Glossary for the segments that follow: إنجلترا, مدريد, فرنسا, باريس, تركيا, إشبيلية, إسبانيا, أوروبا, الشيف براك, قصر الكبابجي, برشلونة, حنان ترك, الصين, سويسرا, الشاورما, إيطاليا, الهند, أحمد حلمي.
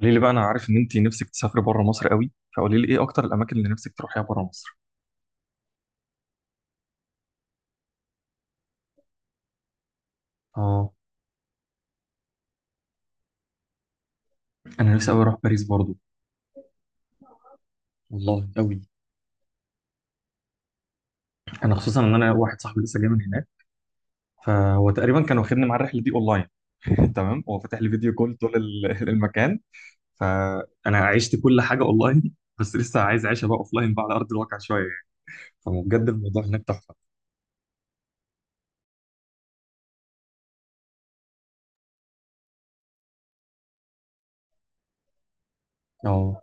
قولي لي بقى، انا عارف ان انت نفسك تسافري بره مصر قوي. فقولي لي ايه اكتر الاماكن اللي نفسك تروحيها بره مصر. اه. انا نفسي قوي اروح باريس برضو. والله قوي. انا خصوصا ان انا واحد صاحبي لسه جاي من هناك، فهو تقريبا كان واخدني مع الرحله دي اونلاين. تمام، هو فاتح لي فيديو كول طول المكان. فانا عشت كل حاجه اونلاين بس لسه عايز اعيشها بقى اوفلاين بقى، على ارض الواقع شويه يعني. فبجد الموضوع هناك تحفه. اه.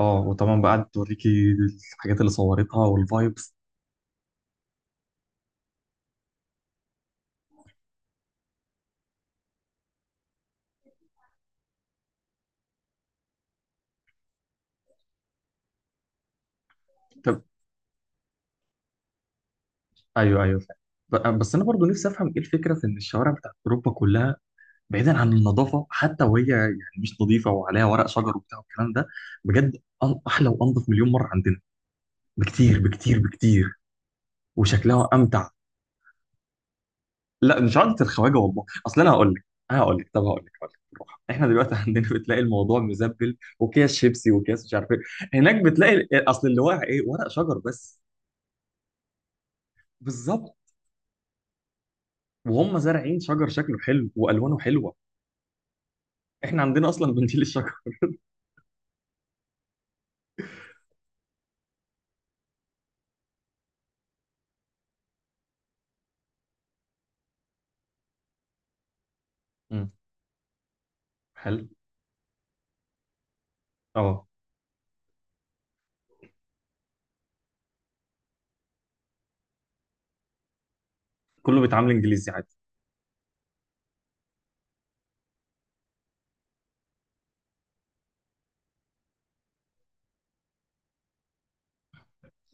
اه وطبعا بقى قعدت توريكي الحاجات اللي صورتها والفايبس. ايوه، ايوه فعلا. بس انا برضو نفسي افهم ايه الفكره في ان الشوارع بتاعت اوروبا كلها، بعيدا عن النظافه حتى، وهي يعني مش نظيفه وعليها ورق شجر وبتاع والكلام ده. بجد احلى وانظف مليون مره عندنا، بكتير بكتير بكتير، وشكلها امتع. لا، مش عادة الخواجه، والله اصل انا هقول لك. هقول لك بالراحه. احنا دلوقتي عندنا بتلاقي الموضوع مزبل، وكيس شيبسي وكيس مش عارف ايه. هناك بتلاقي اصل اللي واقع ايه؟ ورق شجر بس. بالظبط. وهم زارعين شجر شكله حلو والوانه حلوه. احنا عندنا اصلا بنشيل الشجر. مم. حلو. اه، كله بيتعامل انجليزي عادي.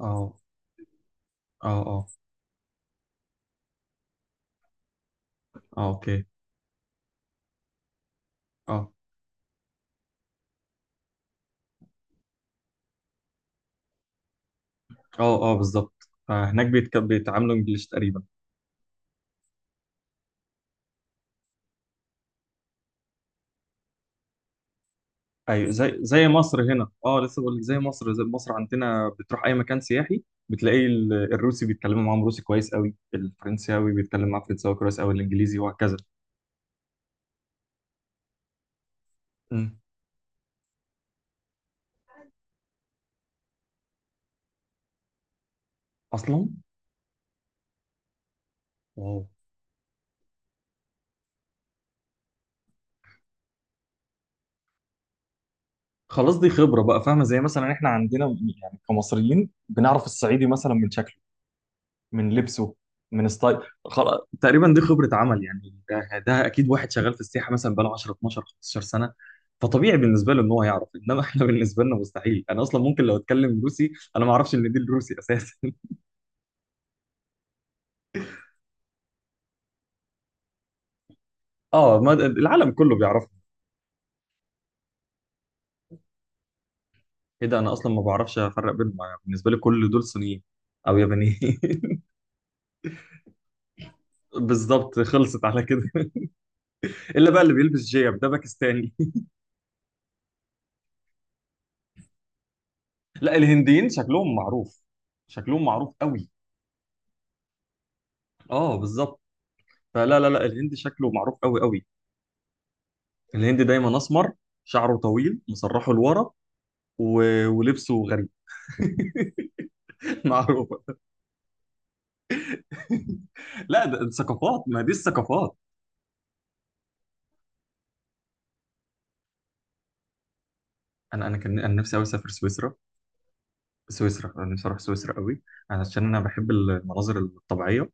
اه، اه. اه، اه، اوكي. اه، اه، اه بالظبط. فهناك بيتعاملوا انجليش تقريبا. ايوه، زي زي مصر هنا، اه لسه بقول لك زي مصر، زي مصر. عندنا بتروح اي مكان سياحي بتلاقي الروسي بيتكلموا معاهم روسي كويس قوي، الفرنساوي بيتكلم معاه فرنساوي كويس قوي، الانجليزي، وهكذا. مم. اصلا. واو. خلاص، دي خبره بقى. فاهمه؟ زي مثلا احنا عندنا، يعني كمصريين بنعرف الصعيدي مثلا من شكله، من لبسه، من ستايل. خلاص، تقريبا دي خبره عمل يعني. ده اكيد واحد شغال في السياحه مثلا، بقاله 10 12 15 سنه. فطبيعي بالنسبه له ان هو يعرف. انما احنا بالنسبه لنا مستحيل. انا اصلا ممكن لو اتكلم روسي انا ما اعرفش ان دي الروسي اساسا. اه، ما العالم كله بيعرفه. ايه ده، انا اصلا ما بعرفش افرق بينهم. أنا بالنسبه لي كل دول صينيين او يابانيين. بالظبط، خلصت على كده. الا بقى اللي بيلبس جيب ده باكستاني. لا، الهنديين شكلهم معروف، شكلهم معروف قوي. اه بالظبط. فلا لا لا، الهند شكله معروف قوي قوي. الهند دايما اسمر، شعره طويل مسرحه لورا، و... ولبسه غريب. معروف. لا، ده ثقافات، ما دي الثقافات. انا كان انا نفسي قوي اسافر سويسرا. سويسرا، انا نفسي اروح سويسرا قوي، عشان انا بحب المناظر الطبيعيه.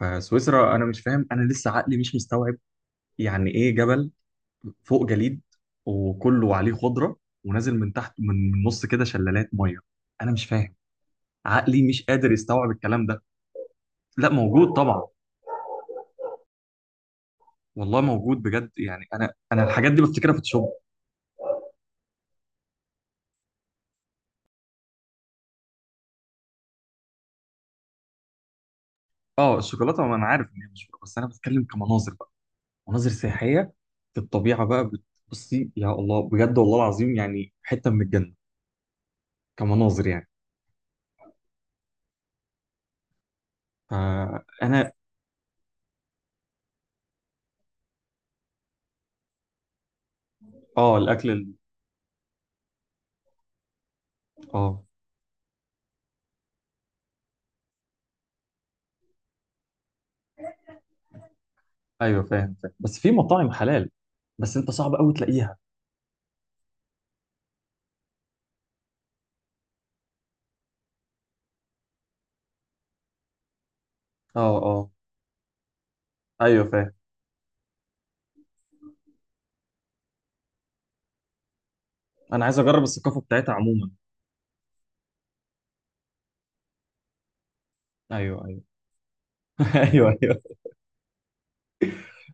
فسويسرا، انا مش فاهم، انا لسه عقلي مش مستوعب يعني ايه جبل فوق جليد وكله عليه خضره، ونازل من تحت، من نص كده شلالات ميه. انا مش فاهم، عقلي مش قادر يستوعب الكلام ده. لا، موجود طبعا. والله موجود بجد يعني. انا الحاجات دي بفتكرها في الشغل. اه الشوكولاته، ما انا عارف ان هي مش بس، انا بتكلم كمناظر بقى، مناظر سياحيه. في الطبيعه بقى بتبصي يا الله، بجد والله العظيم يعني حته من الجنه، كمناظر يعني. فانا. اه الاكل اه ايوه، فاهم. بس في مطاعم حلال، بس انت صعب قوي تلاقيها. اه اه، ايوه فاهم. انا عايز اجرب الثقافه بتاعتها عموما. ايوه، ايوه، ايوه، ايوه،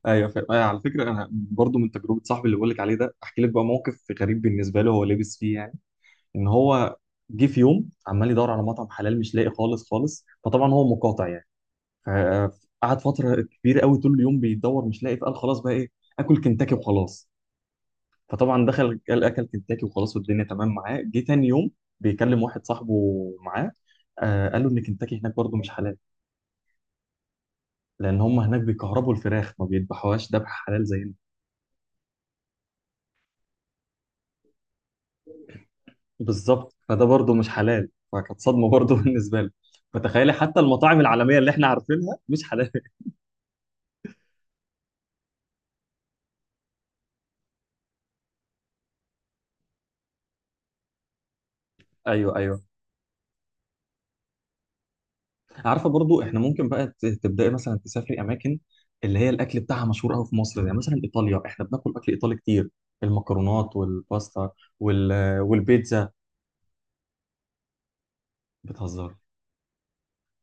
ايوه فاهم. أيوة، على فكره انا برضو من تجربه صاحبي اللي بقول لك عليه ده، احكي لك بقى موقف غريب بالنسبه له. هو لابس فيه يعني، ان هو جه في يوم عمال يدور على مطعم حلال مش لاقي خالص خالص. فطبعا هو مقاطع يعني. فقعد فتره كبيره قوي طول اليوم بيدور مش لاقي. فقال خلاص بقى ايه؟ اكل كنتاكي وخلاص. فطبعا دخل، قال اكل كنتاكي وخلاص، والدنيا تمام معاه. جه تاني يوم بيكلم واحد صاحبه معاه، آه، قال له ان كنتاكي هناك برضو مش حلال، لان هم هناك بيكهربوا الفراخ، ما بيذبحوهاش ذبح حلال زي. بالظبط. فده برضه مش حلال، فكانت صدمه برضه بالنسبه لي. فتخيلي حتى المطاعم العالميه اللي احنا عارفينها مش حلال. ايوه، ايوه. عارفه برضه، احنا ممكن بقى تبداي مثلا تسافري اماكن اللي هي الاكل بتاعها مشهور قوي في مصر، زي مثلا ايطاليا. احنا بناكل اكل ايطالي كتير، المكرونات والباستا وال... والبيتزا. بتهزر.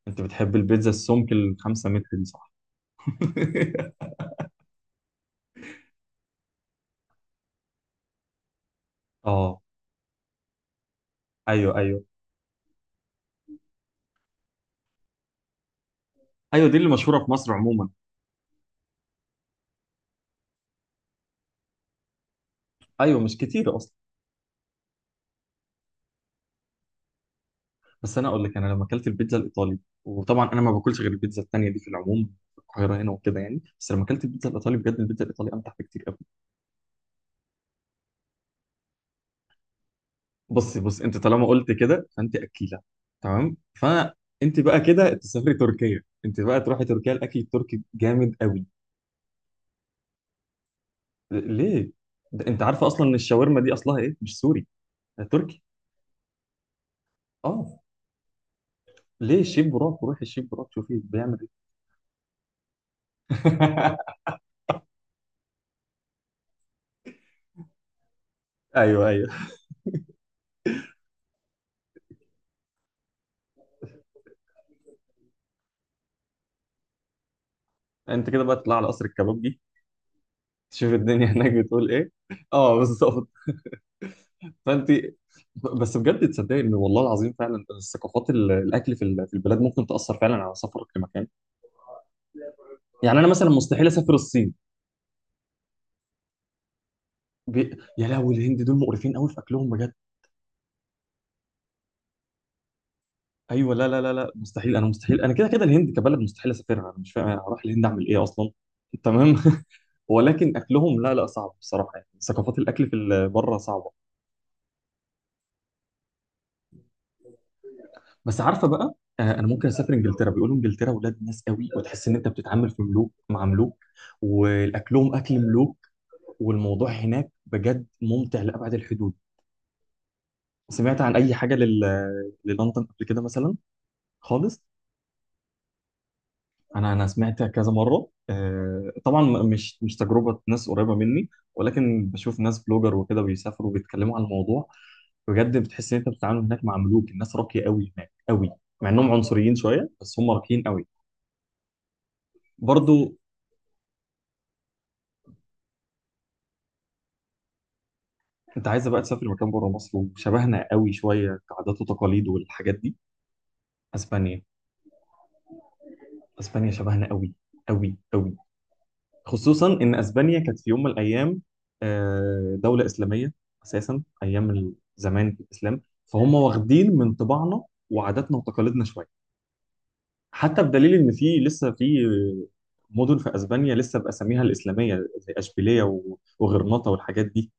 انت بتحب البيتزا السمك الـ5 متر دي، صح؟ اه ايوه، ايوه. ايوه دي اللي مشهوره في مصر عموما. ايوه مش كتير اصلا. بس انا اقول لك، انا لما اكلت البيتزا الايطالي، وطبعا انا ما باكلش غير البيتزا التانيه دي في العموم في القاهره هنا وكده يعني، بس لما اكلت البيتزا الايطالي بجد البيتزا الايطالي امتع بكتير قوي. بص، انت طالما قلت كده فانت اكيله. تمام، فانت بقى كده تسافري تركيا. انت بقى تروحي تركيا، الاكل التركي جامد قوي. ليه؟ ده انت عارفه اصلا ان الشاورما دي اصلها ايه؟ مش سوري، ده تركي. اه ليه، الشيف براك، روحي الشيف براك شوفي بيعمل ايه. ايوه، ايوه. انت كده بقى تطلع على قصر الكبابجي، شوف الدنيا هناك بتقول ايه. اه بالظبط. فانت، بس بجد تصدق ان والله العظيم فعلا الثقافات الاكل في في البلاد ممكن تاثر فعلا على سفرك لمكان. يعني انا مثلا مستحيل اسافر الصين. يا لهوي، الهند دول مقرفين قوي في اكلهم بجد. ايوه، لا لا لا لا، مستحيل. انا مستحيل، انا كده كده الهند كبلد مستحيل اسافرها. انا مش فاهم اروح الهند اعمل ايه اصلا. تمام. ولكن اكلهم لا لا، صعب بصراحه يعني، ثقافات الاكل في بره صعبه. بس عارفه بقى، انا ممكن اسافر انجلترا. بيقولوا انجلترا ولاد ناس قوي، وتحس ان انت بتتعامل في ملوك، مع ملوك، والاكلهم اكل ملوك، والموضوع هناك بجد ممتع لابعد الحدود. سمعت عن اي حاجه للندن قبل كده مثلا؟ خالص. انا سمعت كذا مره، آه، طبعا مش تجربه ناس قريبه مني، ولكن بشوف ناس بلوجر وكده بيسافروا وبيتكلموا عن الموضوع. بجد بتحس ان انت بتتعامل هناك مع ملوك، الناس راقيه قوي هناك قوي، مع انهم عنصريين شويه بس هم راقيين قوي. برضو، انت عايزه بقى تسافر مكان بره مصر وشبهنا قوي شويه كعادات وتقاليد والحاجات دي؟ اسبانيا. اسبانيا شبهنا قوي، قوي قوي. خصوصا ان اسبانيا كانت في يوم من الايام، دوله اسلاميه اساسا، ايام زمان في الاسلام، فهم واخدين من طباعنا وعاداتنا وتقاليدنا شويه. حتى بدليل ان في لسه في مدن في اسبانيا لسه باساميها الاسلاميه، زي اشبيليه وغرناطه والحاجات دي.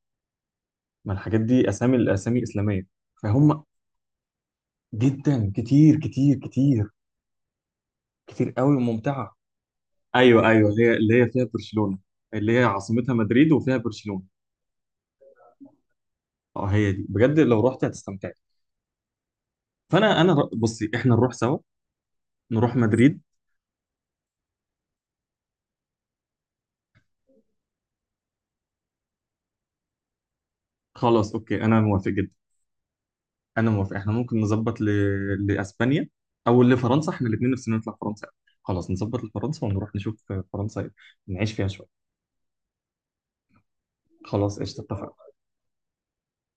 ما الحاجات دي اسامي، الاسامي اسلاميه. فهم جدا، كتير كتير كتير، كتير قوي وممتعه. ايوه ايوه، هي اللي هي فيها برشلونه، اللي هي عاصمتها مدريد وفيها برشلونه. اه هي دي، بجد لو رحت هتستمتع. فانا، بصي، احنا نروح سوا. نروح مدريد. خلاص، اوكي، انا موافق جدا. انا موافق، احنا ممكن نظبط لاسبانيا او لفرنسا. احنا الاثنين نفسنا نطلع فرنسا. خلاص نظبط لفرنسا ونروح نشوف فرنسا، نعيش فيها شويه. خلاص قشطه، اتفقنا.